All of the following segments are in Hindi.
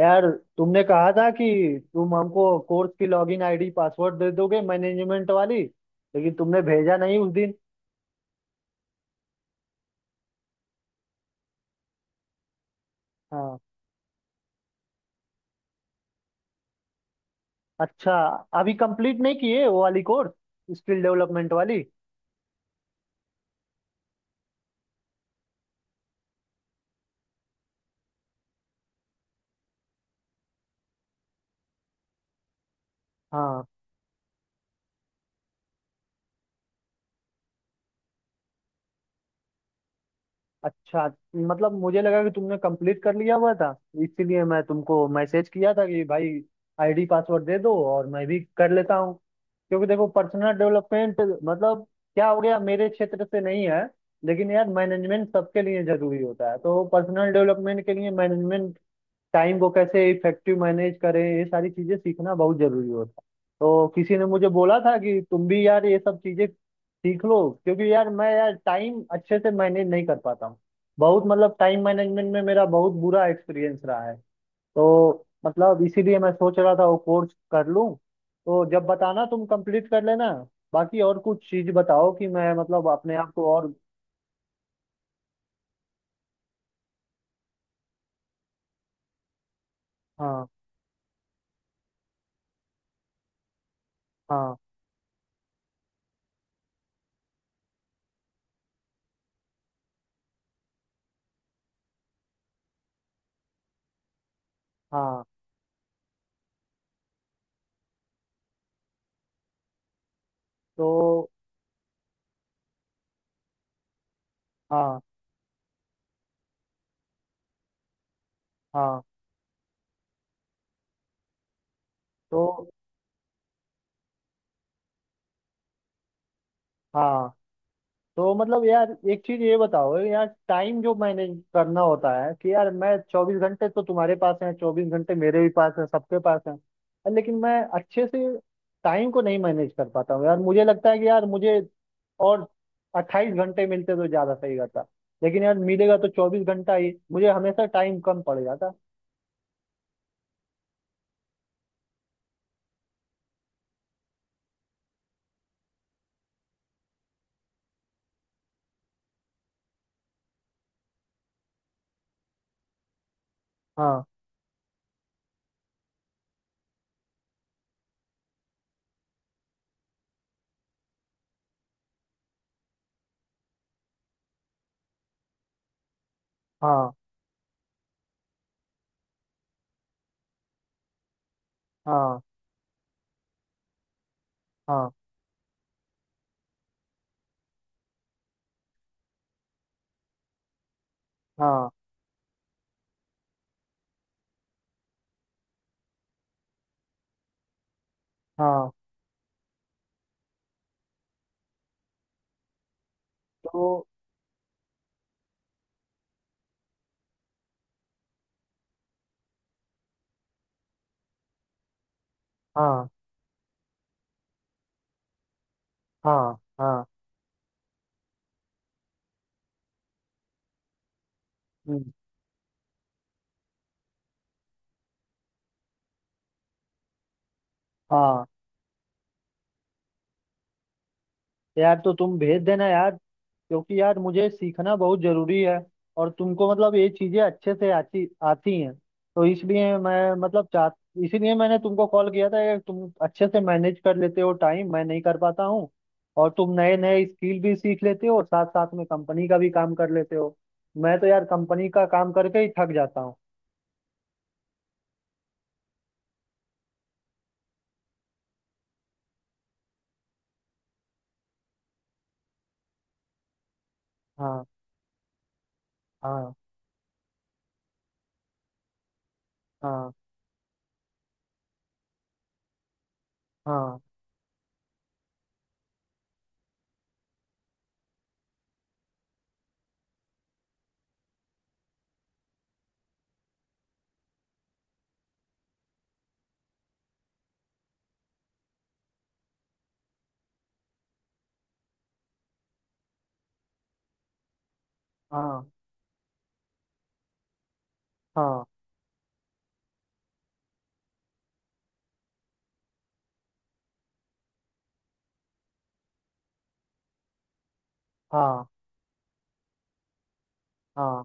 यार, तुमने कहा था कि तुम हमको कोर्स की लॉगिन आईडी पासवर्ड दे दोगे मैनेजमेंट वाली, लेकिन तुमने भेजा नहीं उस दिन। हाँ। अच्छा। अभी कंप्लीट नहीं किए वो वाली कोर्स, स्किल डेवलपमेंट वाली? हाँ। अच्छा। मतलब मुझे लगा कि तुमने कंप्लीट कर लिया हुआ था, इसीलिए मैं तुमको मैसेज किया था कि भाई आईडी पासवर्ड दे दो और मैं भी कर लेता हूँ। क्योंकि देखो पर्सनल डेवलपमेंट मतलब क्या हो गया, मेरे क्षेत्र से नहीं है, लेकिन यार मैनेजमेंट सबके लिए जरूरी होता है। तो पर्सनल डेवलपमेंट के लिए मैनेजमेंट, टाइम को कैसे इफेक्टिव मैनेज करें, ये सारी चीजें सीखना बहुत जरूरी होता है। तो किसी ने मुझे बोला था कि तुम भी यार ये सब चीजें सीख लो, क्योंकि यार मैं यार टाइम अच्छे से मैनेज नहीं कर पाता हूँ। बहुत मतलब टाइम मैनेजमेंट में मेरा बहुत बुरा एक्सपीरियंस रहा है। तो मतलब इसीलिए मैं सोच रहा था वो कोर्स कर लूँ। तो जब बताना तुम कंप्लीट कर लेना। बाकी और कुछ चीज बताओ कि मैं मतलब अपने आप को और। हाँ। हाँ। हाँ। तो। हाँ। हाँ। तो। हाँ। तो मतलब यार एक चीज ये बताओ यार, टाइम जो मैनेज करना होता है कि यार मैं, 24 घंटे तो तुम्हारे पास है, 24 घंटे मेरे भी पास है, सबके पास है। लेकिन मैं अच्छे से टाइम को नहीं मैनेज कर पाता हूँ यार। मुझे लगता है कि यार मुझे और 28 घंटे मिलते तो ज्यादा सही रहता। लेकिन यार मिलेगा तो 24 घंटा ही, मुझे हमेशा टाइम कम पड़ जाता। हाँ। हाँ। हाँ। हाँ। हाँ। हाँ। तो। हाँ। हाँ। हाँ। हम्म। हाँ यार, तो तुम भेज देना यार, क्योंकि यार मुझे सीखना बहुत जरूरी है। और तुमको मतलब ये चीजें अच्छे से आती आती हैं, तो इसलिए मैं मतलब चाह इसीलिए मैंने तुमको कॉल किया था कि तुम अच्छे से मैनेज कर लेते हो टाइम, मैं नहीं कर पाता हूँ। और तुम नए नए स्किल भी सीख लेते हो और साथ साथ में कंपनी का भी काम कर लेते हो। मैं तो यार कंपनी का काम करके ही थक जाता हूँ। हाँ। हाँ। हाँ। हाँ। हाँ। हाँ। हाँ। हाँ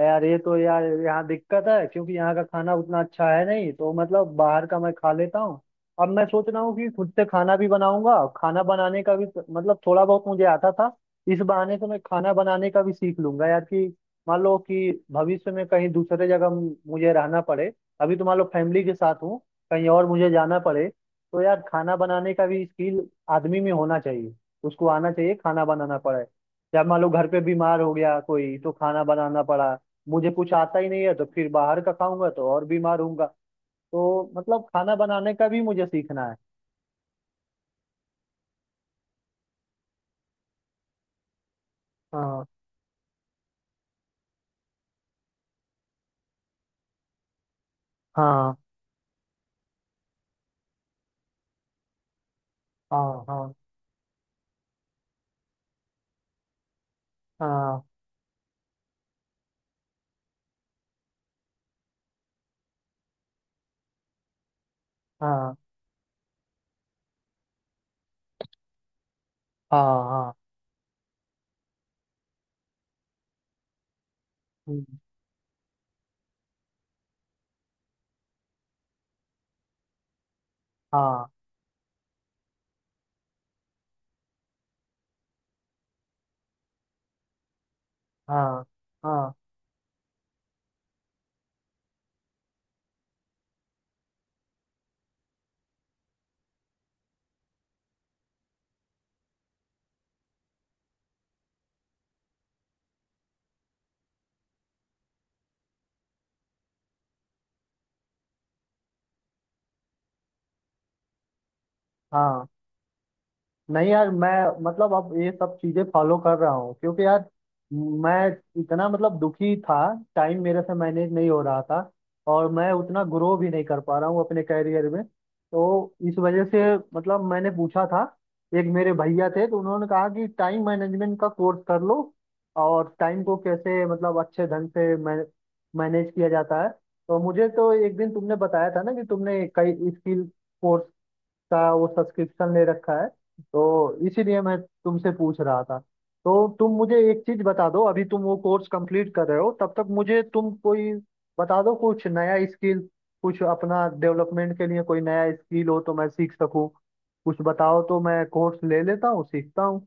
यार, ये तो यार यहाँ दिक्कत है, क्योंकि यहाँ का खाना उतना अच्छा है नहीं, तो मतलब बाहर का मैं खा लेता हूँ। अब मैं सोच रहा हूँ कि खुद से खाना भी बनाऊंगा। खाना बनाने का भी तो, मतलब थोड़ा बहुत मुझे आता था। इस बहाने से मैं खाना बनाने का भी सीख लूंगा यार, कि मान लो कि भविष्य में कहीं दूसरे जगह मुझे रहना पड़े। अभी तो मान लो फैमिली के साथ हूँ, कहीं और मुझे जाना पड़े तो यार खाना बनाने का भी स्किल आदमी में होना चाहिए। उसको आना चाहिए, खाना बनाना पड़े। या मान लो घर पे बीमार हो गया कोई तो खाना बनाना पड़ा, मुझे कुछ आता ही नहीं है तो फिर बाहर का खाऊंगा तो और बीमार होऊंगा। तो मतलब खाना बनाने का भी मुझे सीखना है। हाँ। हाँ। हाँ। हाँ। हाँ। हाँ। हाँ। हाँ। हम्म। हाँ। हाँ। हाँ। हाँ नहीं यार, मैं मतलब अब ये सब चीजें फॉलो कर रहा हूँ, क्योंकि यार मैं इतना मतलब दुखी था। टाइम मेरे से मैनेज नहीं हो रहा था और मैं उतना ग्रो भी नहीं कर पा रहा हूँ अपने कैरियर में। तो इस वजह से मतलब मैंने पूछा था, एक मेरे भैया थे तो उन्होंने कहा कि टाइम मैनेजमेंट का कोर्स कर लो और टाइम को कैसे मतलब अच्छे ढंग से मैनेज किया जाता है। तो मुझे तो एक दिन तुमने बताया था ना कि तुमने कई स्किल कोर्स का वो सब्सक्रिप्शन ले रखा है, तो इसीलिए मैं तुमसे पूछ रहा था। तो तुम मुझे एक चीज बता दो, अभी तुम वो कोर्स कंप्लीट कर रहे हो तब तक मुझे तुम कोई बता दो कुछ नया स्किल, कुछ अपना डेवलपमेंट के लिए कोई नया स्किल हो तो मैं सीख सकूं। कुछ बताओ तो मैं कोर्स ले लेता हूँ, सीखता हूँ।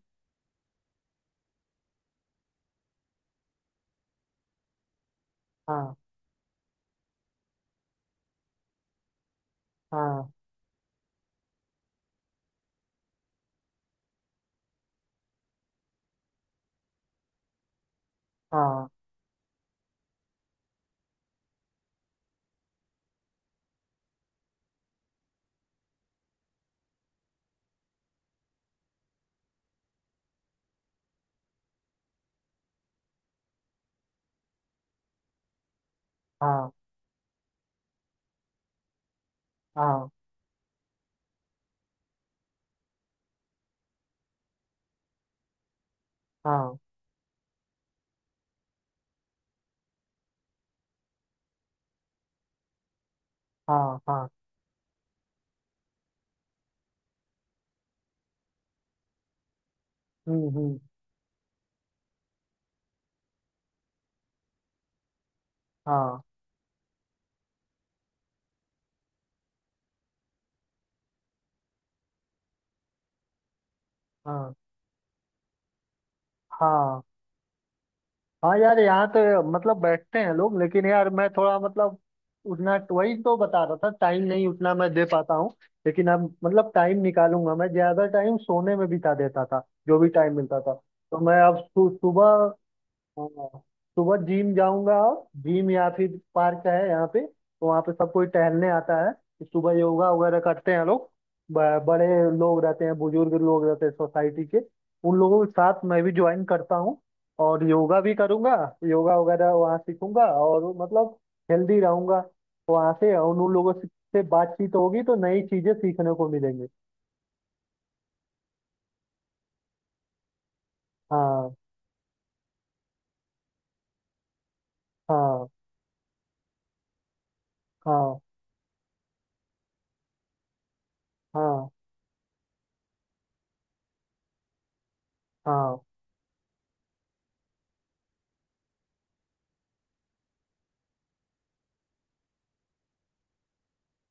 हाँ। हाँ। हाँ। हाँ। हाँ। हाँ। हाँ। हाँ। हम्म। हम्म। हाँ। हाँ। हाँ। हाँ यार, यहाँ तो मतलब बैठते हैं लोग, लेकिन यार मैं थोड़ा मतलब उतना, वही तो बता रहा था, टाइम नहीं उतना मैं दे पाता हूँ। लेकिन अब मतलब टाइम निकालूंगा। मैं ज्यादा टाइम सोने में बिता देता था, जो भी टाइम मिलता था। तो मैं अब सुबह। हाँ, सुबह जिम जाऊंगा। और जिम या फिर पार्क है यहाँ पे तो वहाँ पे सब कोई टहलने आता है। सुबह योगा वगैरह करते हैं लोग। बड़े लोग रहते हैं, बुजुर्ग लोग रहते हैं सोसाइटी के, उन लोगों के साथ मैं भी ज्वाइन करता हूँ। और योगा भी करूंगा। योगा वगैरह वहाँ सीखूंगा और मतलब हेल्दी रहूंगा। वहाँ से और उन लोगों से बातचीत होगी तो नई चीजें सीखने को मिलेंगे। हाँ। हाँ। हाँ। हाँ। हाँ।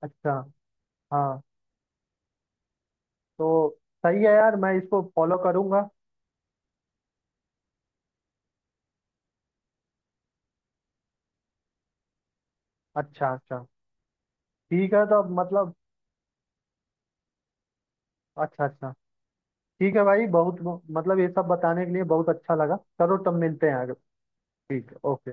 अच्छा। हाँ। तो सही है यार, मैं इसको फॉलो करूंगा। अच्छा अच्छा। ठीक है तो अब मतलब। अच्छा अच्छा। ठीक है भाई, बहुत मतलब ये सब बताने के लिए बहुत अच्छा लगा। चलो तब मिलते हैं आगे। ठीक है, ओके।